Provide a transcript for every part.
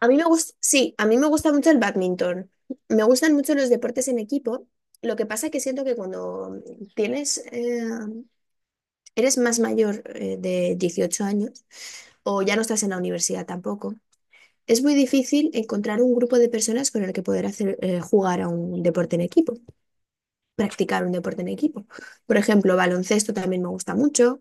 A mí me gusta, sí, a mí me gusta mucho el bádminton. Me gustan mucho los deportes en equipo. Lo que pasa es que siento que cuando tienes, eh, eres más mayor de 18 años o ya no estás en la universidad tampoco, es muy difícil encontrar un grupo de personas con el que poder jugar a un deporte en equipo, practicar un deporte en equipo. Por ejemplo, baloncesto también me gusta mucho.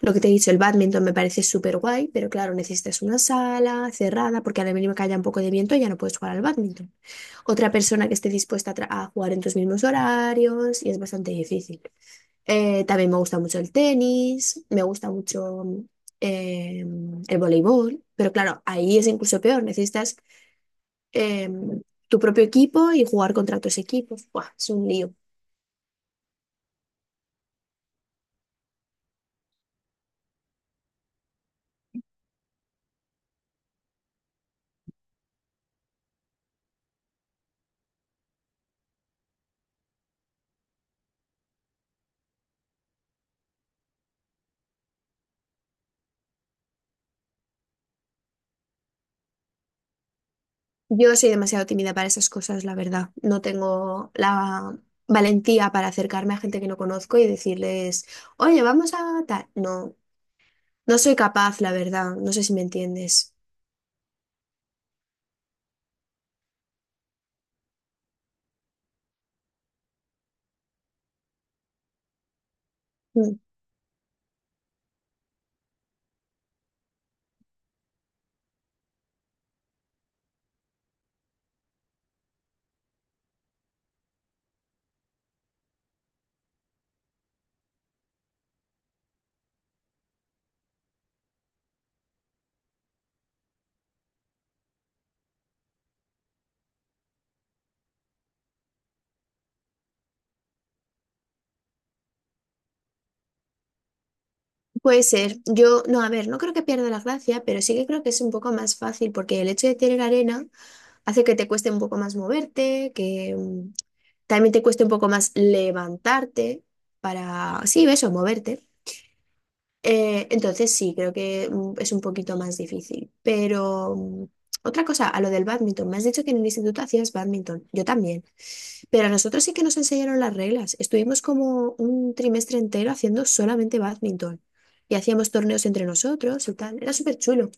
Lo que te he dicho, el bádminton me parece súper guay, pero claro, necesitas una sala cerrada porque a la mínima que haya un poco de viento ya no puedes jugar al bádminton. Otra persona que esté dispuesta a jugar en tus mismos horarios y es bastante difícil. También me gusta mucho el tenis, me gusta mucho el voleibol, pero claro, ahí es incluso peor, necesitas em, tu propio equipo y jugar contra otros equipos. Buah, es un lío. Yo soy demasiado tímida para esas cosas, la verdad. No tengo la valentía para acercarme a gente que no conozco y decirles, oye, vamos a tal. No, no soy capaz, la verdad. No sé si me entiendes. Puede ser. Yo, no, a ver, no creo que pierda la gracia, pero sí que creo que es un poco más fácil porque el hecho de tener arena hace que te cueste un poco más moverte, también te cueste un poco más levantarte para, sí, eso, moverte. Entonces sí, creo que es un poquito más difícil. Pero otra cosa, a lo del bádminton, me has dicho que en el instituto hacías bádminton. Yo también. Pero a nosotros sí que nos enseñaron las reglas. Estuvimos como un trimestre entero haciendo solamente bádminton. Y hacíamos torneos entre nosotros y tal. Era súper chulo.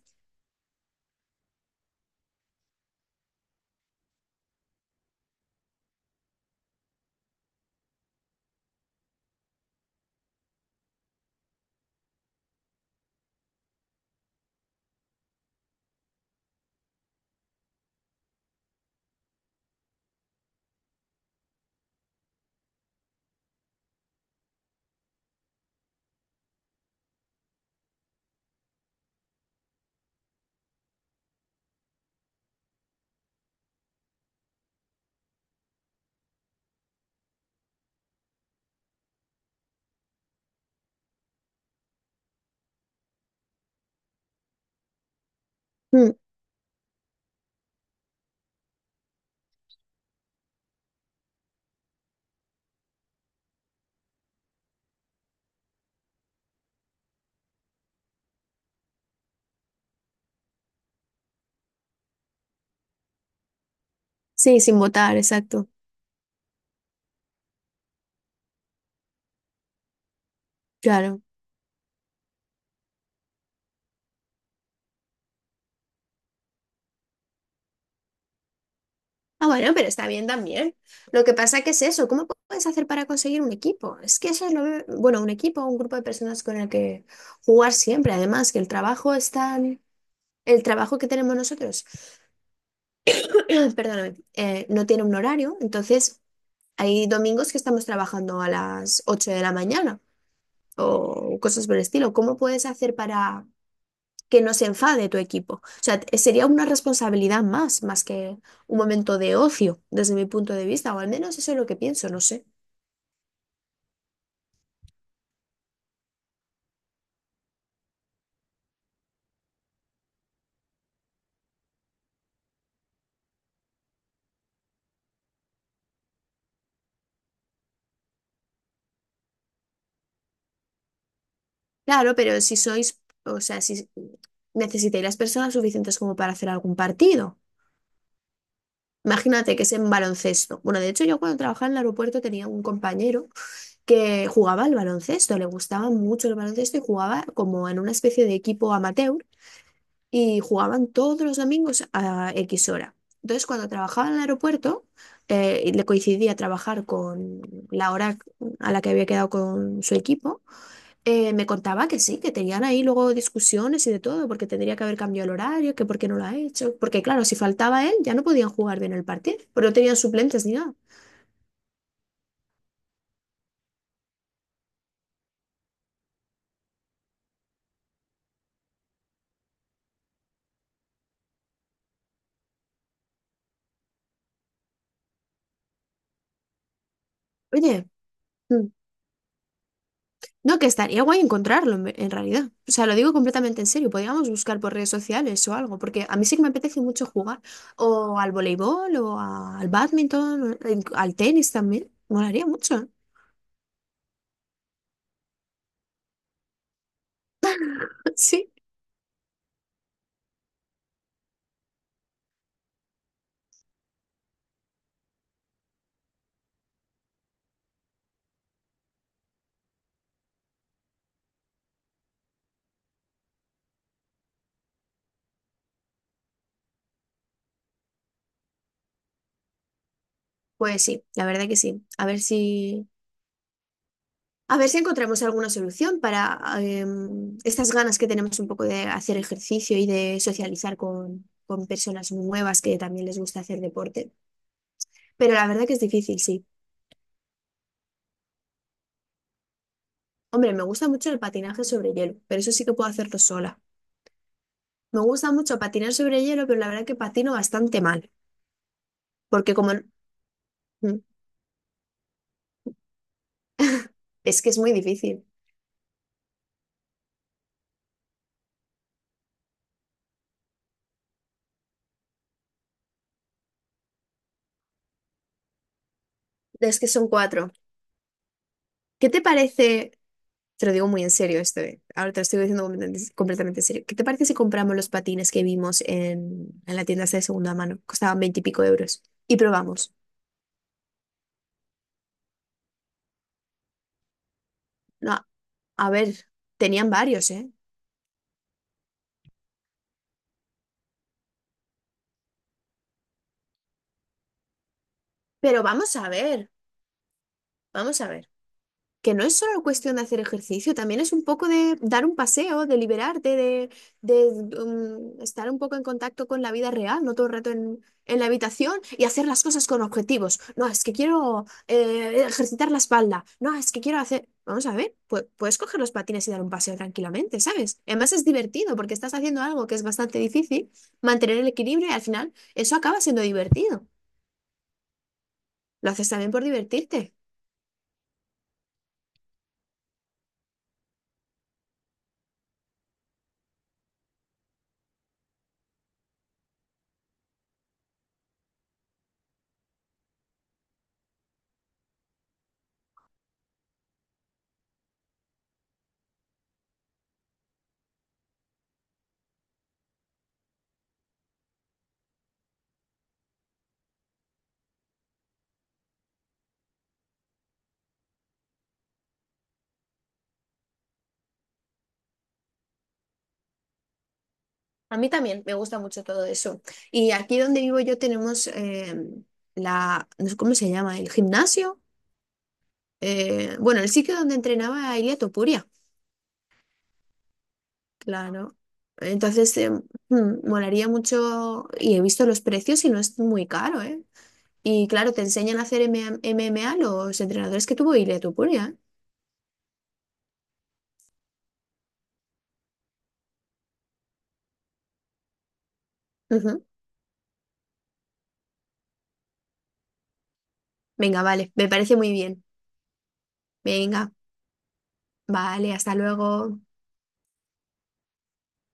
Mm, sí, sin votar, exacto. Claro. Ah, bueno, pero está bien también. Lo que pasa que es eso. ¿Cómo puedes hacer para conseguir un equipo? Es que eso es bueno, un equipo, un grupo de personas con el que jugar siempre. Además, que el trabajo es tan... El trabajo que tenemos nosotros, perdóname, no tiene un horario, entonces. Hay domingos que estamos trabajando a las 8 de la mañana o cosas por el estilo. ¿Cómo puedes hacer para que no se enfade tu equipo? O sea, sería una responsabilidad más, más que un momento de ocio, desde mi punto de vista, o al menos eso es lo que pienso, no sé. Claro, pero si sois, o sea, si necesitáis las personas suficientes como para hacer algún partido. Imagínate que es en baloncesto. Bueno, de hecho, yo cuando trabajaba en el aeropuerto tenía un compañero que jugaba al baloncesto, le gustaba mucho el baloncesto y jugaba como en una especie de equipo amateur, y jugaban todos los domingos a X hora. Entonces, cuando trabajaba en el aeropuerto, le coincidía trabajar con la hora a la que había quedado con su equipo. Me contaba que sí, que tenían ahí luego discusiones y de todo, porque tendría que haber cambiado el horario, que por qué no lo ha hecho, porque claro, si faltaba él, ya no podían jugar bien el partido, porque no tenían suplentes ni nada. Oye. Mm, no, que estaría guay encontrarlo en realidad. O sea, lo digo completamente en serio. Podríamos buscar por redes sociales o algo, porque a mí sí que me apetece mucho jugar o al voleibol o al badminton, o al tenis también. Molaría mucho, ¿eh? Sí. Pues sí, la verdad que sí. A ver si encontramos alguna solución para estas ganas que tenemos un poco de hacer ejercicio y de socializar con personas nuevas que también les gusta hacer deporte. Pero la verdad que es difícil, sí. Hombre, me gusta mucho el patinaje sobre hielo, pero eso sí que puedo hacerlo sola. Me gusta mucho patinar sobre hielo, pero la verdad que patino bastante mal, porque como mm, es que es muy difícil. Es que son cuatro. ¿Qué te parece? Te lo digo muy en serio esto, ahora te lo estoy diciendo completamente, completamente en serio. ¿Qué te parece si compramos los patines que vimos en la tienda esta de segunda mano? Costaban veinte y pico euros. Y probamos. No, a ver, tenían varios, ¿eh? Pero vamos a ver, vamos a ver, que no es solo cuestión de hacer ejercicio, también es un poco de dar un paseo, de liberarte, de, estar un poco en contacto con la vida real, no todo el rato en la habitación, y hacer las cosas con objetivos. No, es que quiero ejercitar la espalda. No, es que quiero hacer. Vamos a ver, puedes coger los patines y dar un paseo tranquilamente, ¿sabes? Además es divertido porque estás haciendo algo que es bastante difícil, mantener el equilibrio y al final eso acaba siendo divertido. Lo haces también por divertirte. A mí también me gusta mucho todo eso. Y aquí donde vivo yo tenemos la, no sé cómo se llama, el gimnasio. Bueno, el sitio donde entrenaba Ilia Topuria, claro. Entonces, molaría mucho y he visto los precios y no es muy caro, ¿eh? Y claro, te enseñan a hacer MMA los entrenadores que tuvo Ilia Topuria, ¿eh? Ujú. Venga, vale, me parece muy bien. Venga, vale, hasta luego.